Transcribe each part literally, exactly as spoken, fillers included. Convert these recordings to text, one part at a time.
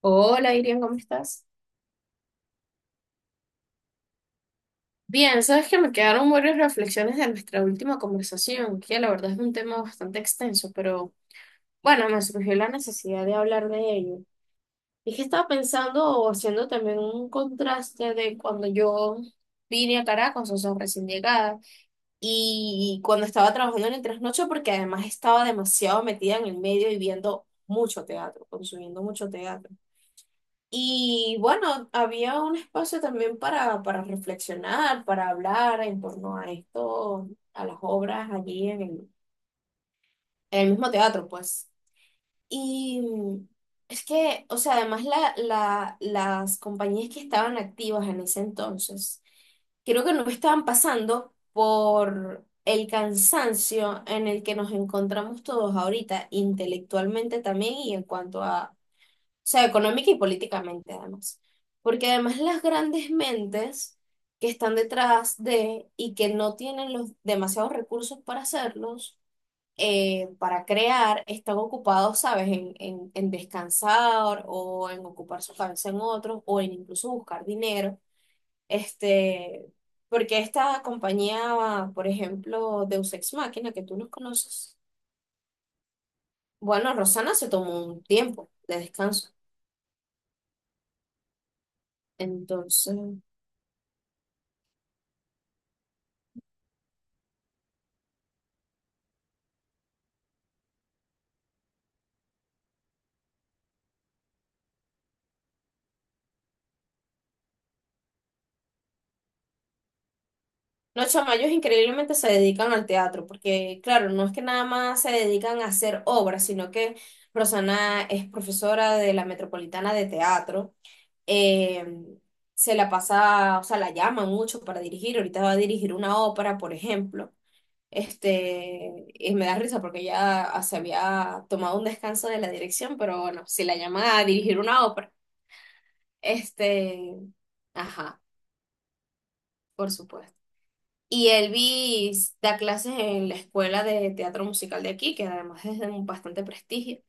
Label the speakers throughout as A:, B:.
A: Hola, Irian, ¿cómo estás? Bien, sabes que me quedaron varias reflexiones de nuestra última conversación, que la verdad es un tema bastante extenso, pero bueno, me surgió la necesidad de hablar de ello. Y que estaba pensando o haciendo también un contraste de cuando yo vine a Caracas, o sea, recién llegada, y cuando estaba trabajando en el trasnocho, porque además estaba demasiado metida en el medio y viendo mucho teatro, consumiendo mucho teatro. Y bueno, había un espacio también para, para reflexionar, para hablar en torno a esto, a las obras allí en el, en el mismo teatro, pues. Y mm, es que, o sea, además la, la, las compañías que estaban activas en ese entonces, creo que no estaban pasando por el cansancio en el que nos encontramos todos ahorita, intelectualmente también y en cuanto a sea, económica y políticamente además. Porque además las grandes mentes que están detrás de y que no tienen los demasiados recursos para hacerlos, eh, para crear, están ocupados, ¿sabes?, en, en, en descansar o en ocupar su cabeza en otros o en incluso buscar dinero. Este, porque esta compañía, por ejemplo, Deus Ex Machina, que tú nos conoces, bueno, Rosana se tomó un tiempo de descanso. Entonces... No, chama, ellos increíblemente se dedican al teatro, porque claro, no es que nada más se dedican a hacer obras, sino que Rosana es profesora de la Metropolitana de Teatro. eh, Se la pasa, o sea, la llaman mucho para dirigir. Ahorita va a dirigir una ópera, por ejemplo. Este, y me da risa porque ella ah, se había tomado un descanso de la dirección, pero bueno, si la llaman a dirigir una ópera, este, ajá, por supuesto. Y Elvis da clases en la escuela de teatro musical de aquí, que además es de un bastante prestigio.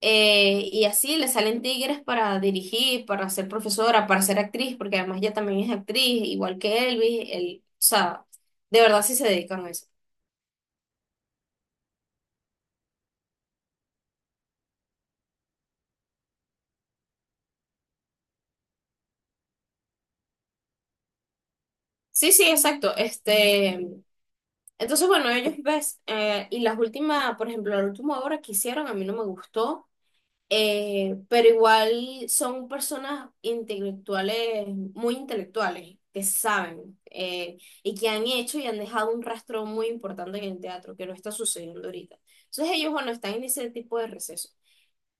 A: Eh, y así le salen tigres para dirigir, para ser profesora, para ser actriz, porque además ella también es actriz, igual que Elvis. Él, o sea, de verdad sí se dedican a eso. Sí, sí, exacto. Este, entonces, bueno, ellos ves, eh, y las últimas, por ejemplo, la última obra que hicieron a mí no me gustó. Eh, pero igual son personas intelectuales, muy intelectuales, que saben eh, y que han hecho y han dejado un rastro muy importante en el teatro, que no está sucediendo ahorita. Entonces ellos, bueno, están en ese tipo de receso.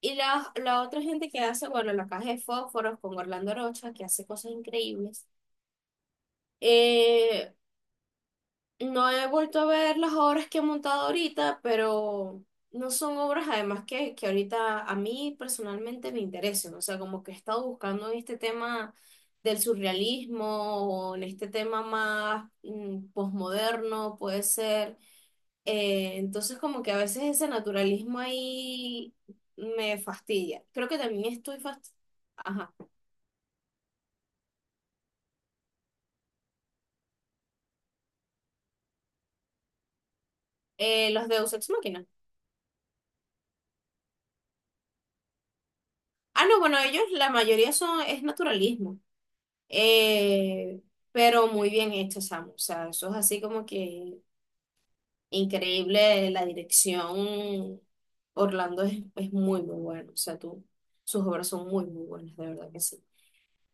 A: Y la, la otra gente que hace, bueno, la caja de fósforos con Orlando Rocha, que hace cosas increíbles. Eh, no he vuelto a ver las obras que he montado ahorita, pero no son obras además que, que ahorita a mí personalmente me interesen. O sea, como que he estado buscando en este tema del surrealismo o en este tema más mm, posmoderno, puede ser. Eh, entonces como que a veces ese naturalismo ahí me fastidia. Creo que también estoy fastidiada. Ajá. Eh, los Deus Ex Machina. Ah, no, bueno, ellos la mayoría son, es naturalismo. Eh, pero muy bien hecho, Sam. O sea, eso es así como que increíble. La dirección Orlando es, es muy, muy bueno. O sea, tú, sus obras son muy, muy buenas, de verdad que sí.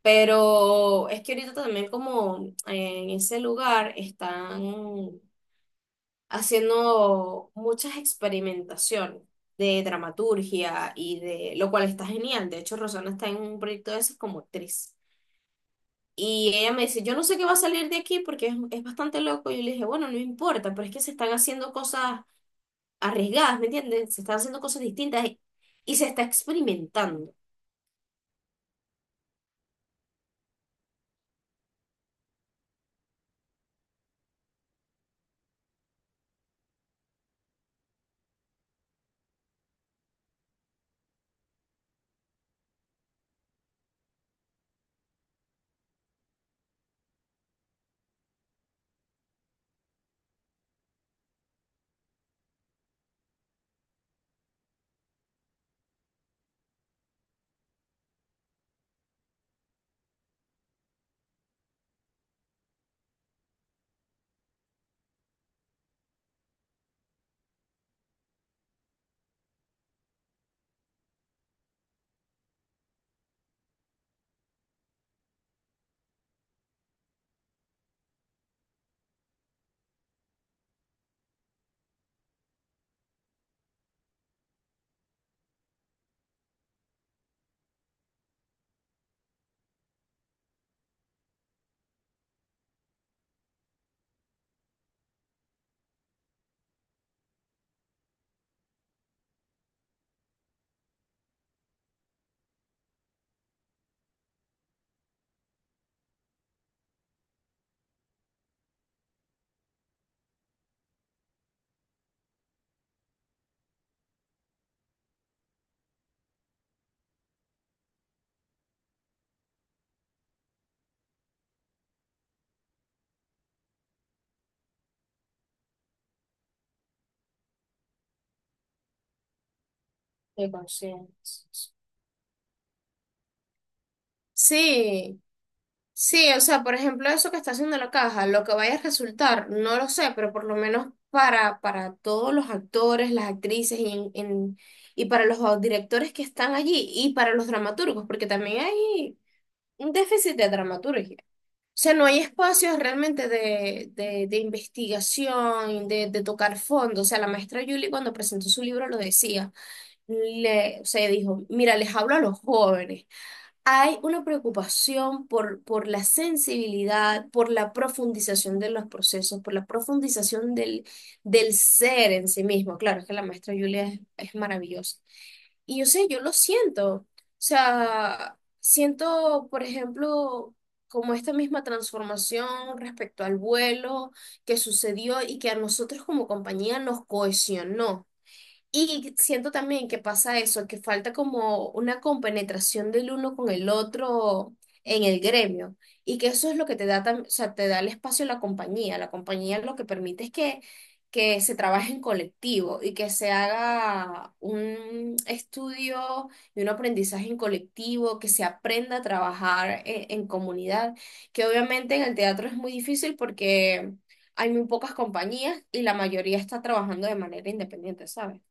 A: Pero es que ahorita también como en ese lugar están haciendo muchas experimentaciones de dramaturgia y de, lo cual está genial. De hecho, Rosana está en un proyecto de esas como actriz. Y ella me dice, yo no sé qué va a salir de aquí porque es, es bastante loco. Y yo le dije, bueno, no importa, pero es que se están haciendo cosas arriesgadas, ¿me entiendes? Se están haciendo cosas distintas y, y se está experimentando. De conciencia. Sí, sí, o sea, por ejemplo, eso que está haciendo la caja, lo que vaya a resultar, no lo sé, pero por lo menos para, para todos los actores, las actrices y, en- en- y para los directores que están allí y para los dramaturgos, porque también hay un déficit de dramaturgia. O sea, no hay espacios realmente de, de, de investigación, de, de tocar fondo. O sea, la maestra Julie cuando presentó su libro lo decía, le, o sea, dijo, mira, les hablo a los jóvenes, hay una preocupación por, por la sensibilidad, por la profundización de los procesos, por la profundización del, del ser en sí mismo. Claro, es que la maestra Julia es, es maravillosa. Y yo sé, yo lo siento. O sea, siento, por ejemplo, como esta misma transformación respecto al vuelo que sucedió y que a nosotros como compañía nos cohesionó. Y siento también que pasa eso, que falta como una compenetración del uno con el otro en el gremio. Y que eso es lo que te da, tam- o sea, te da el espacio a la compañía. La compañía lo que permite es que, que se trabaje en colectivo y que se haga un estudio y un aprendizaje en colectivo, que se aprenda a trabajar en, en comunidad, que obviamente en el teatro es muy difícil porque hay muy pocas compañías y la mayoría está trabajando de manera independiente, ¿sabes?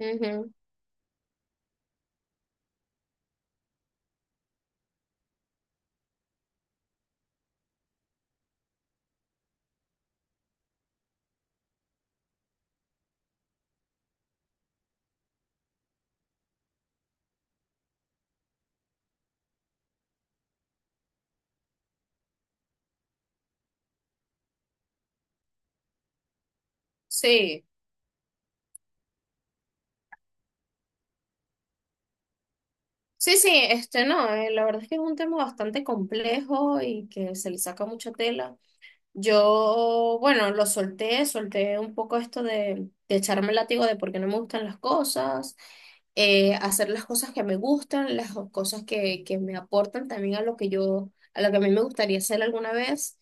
A: Ujú. Sí, sí, sí, este no, eh, la verdad es que es un tema bastante complejo y que se le saca mucha tela. Yo, bueno, lo solté, solté un poco esto de, de echarme el látigo de por qué no me gustan las cosas, eh, hacer las cosas que me gustan, las cosas que, que me aportan también a lo que yo, a lo que a mí me gustaría hacer alguna vez.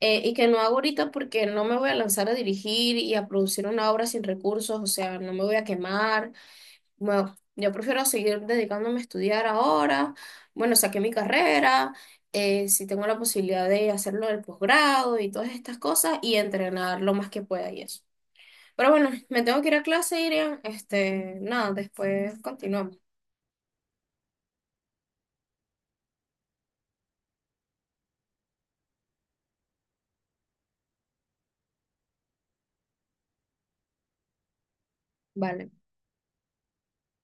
A: eh, Y que no hago ahorita porque no me voy a lanzar a dirigir y a producir una obra sin recursos, o sea, no me voy a quemar. Bueno, yo prefiero seguir dedicándome a estudiar ahora. Bueno, saqué mi carrera, eh, si tengo la posibilidad de hacerlo del posgrado y todas estas cosas y entrenar lo más que pueda y eso. Pero bueno, me tengo que ir a clase, Irian. Este, nada, después continuamos. Vale.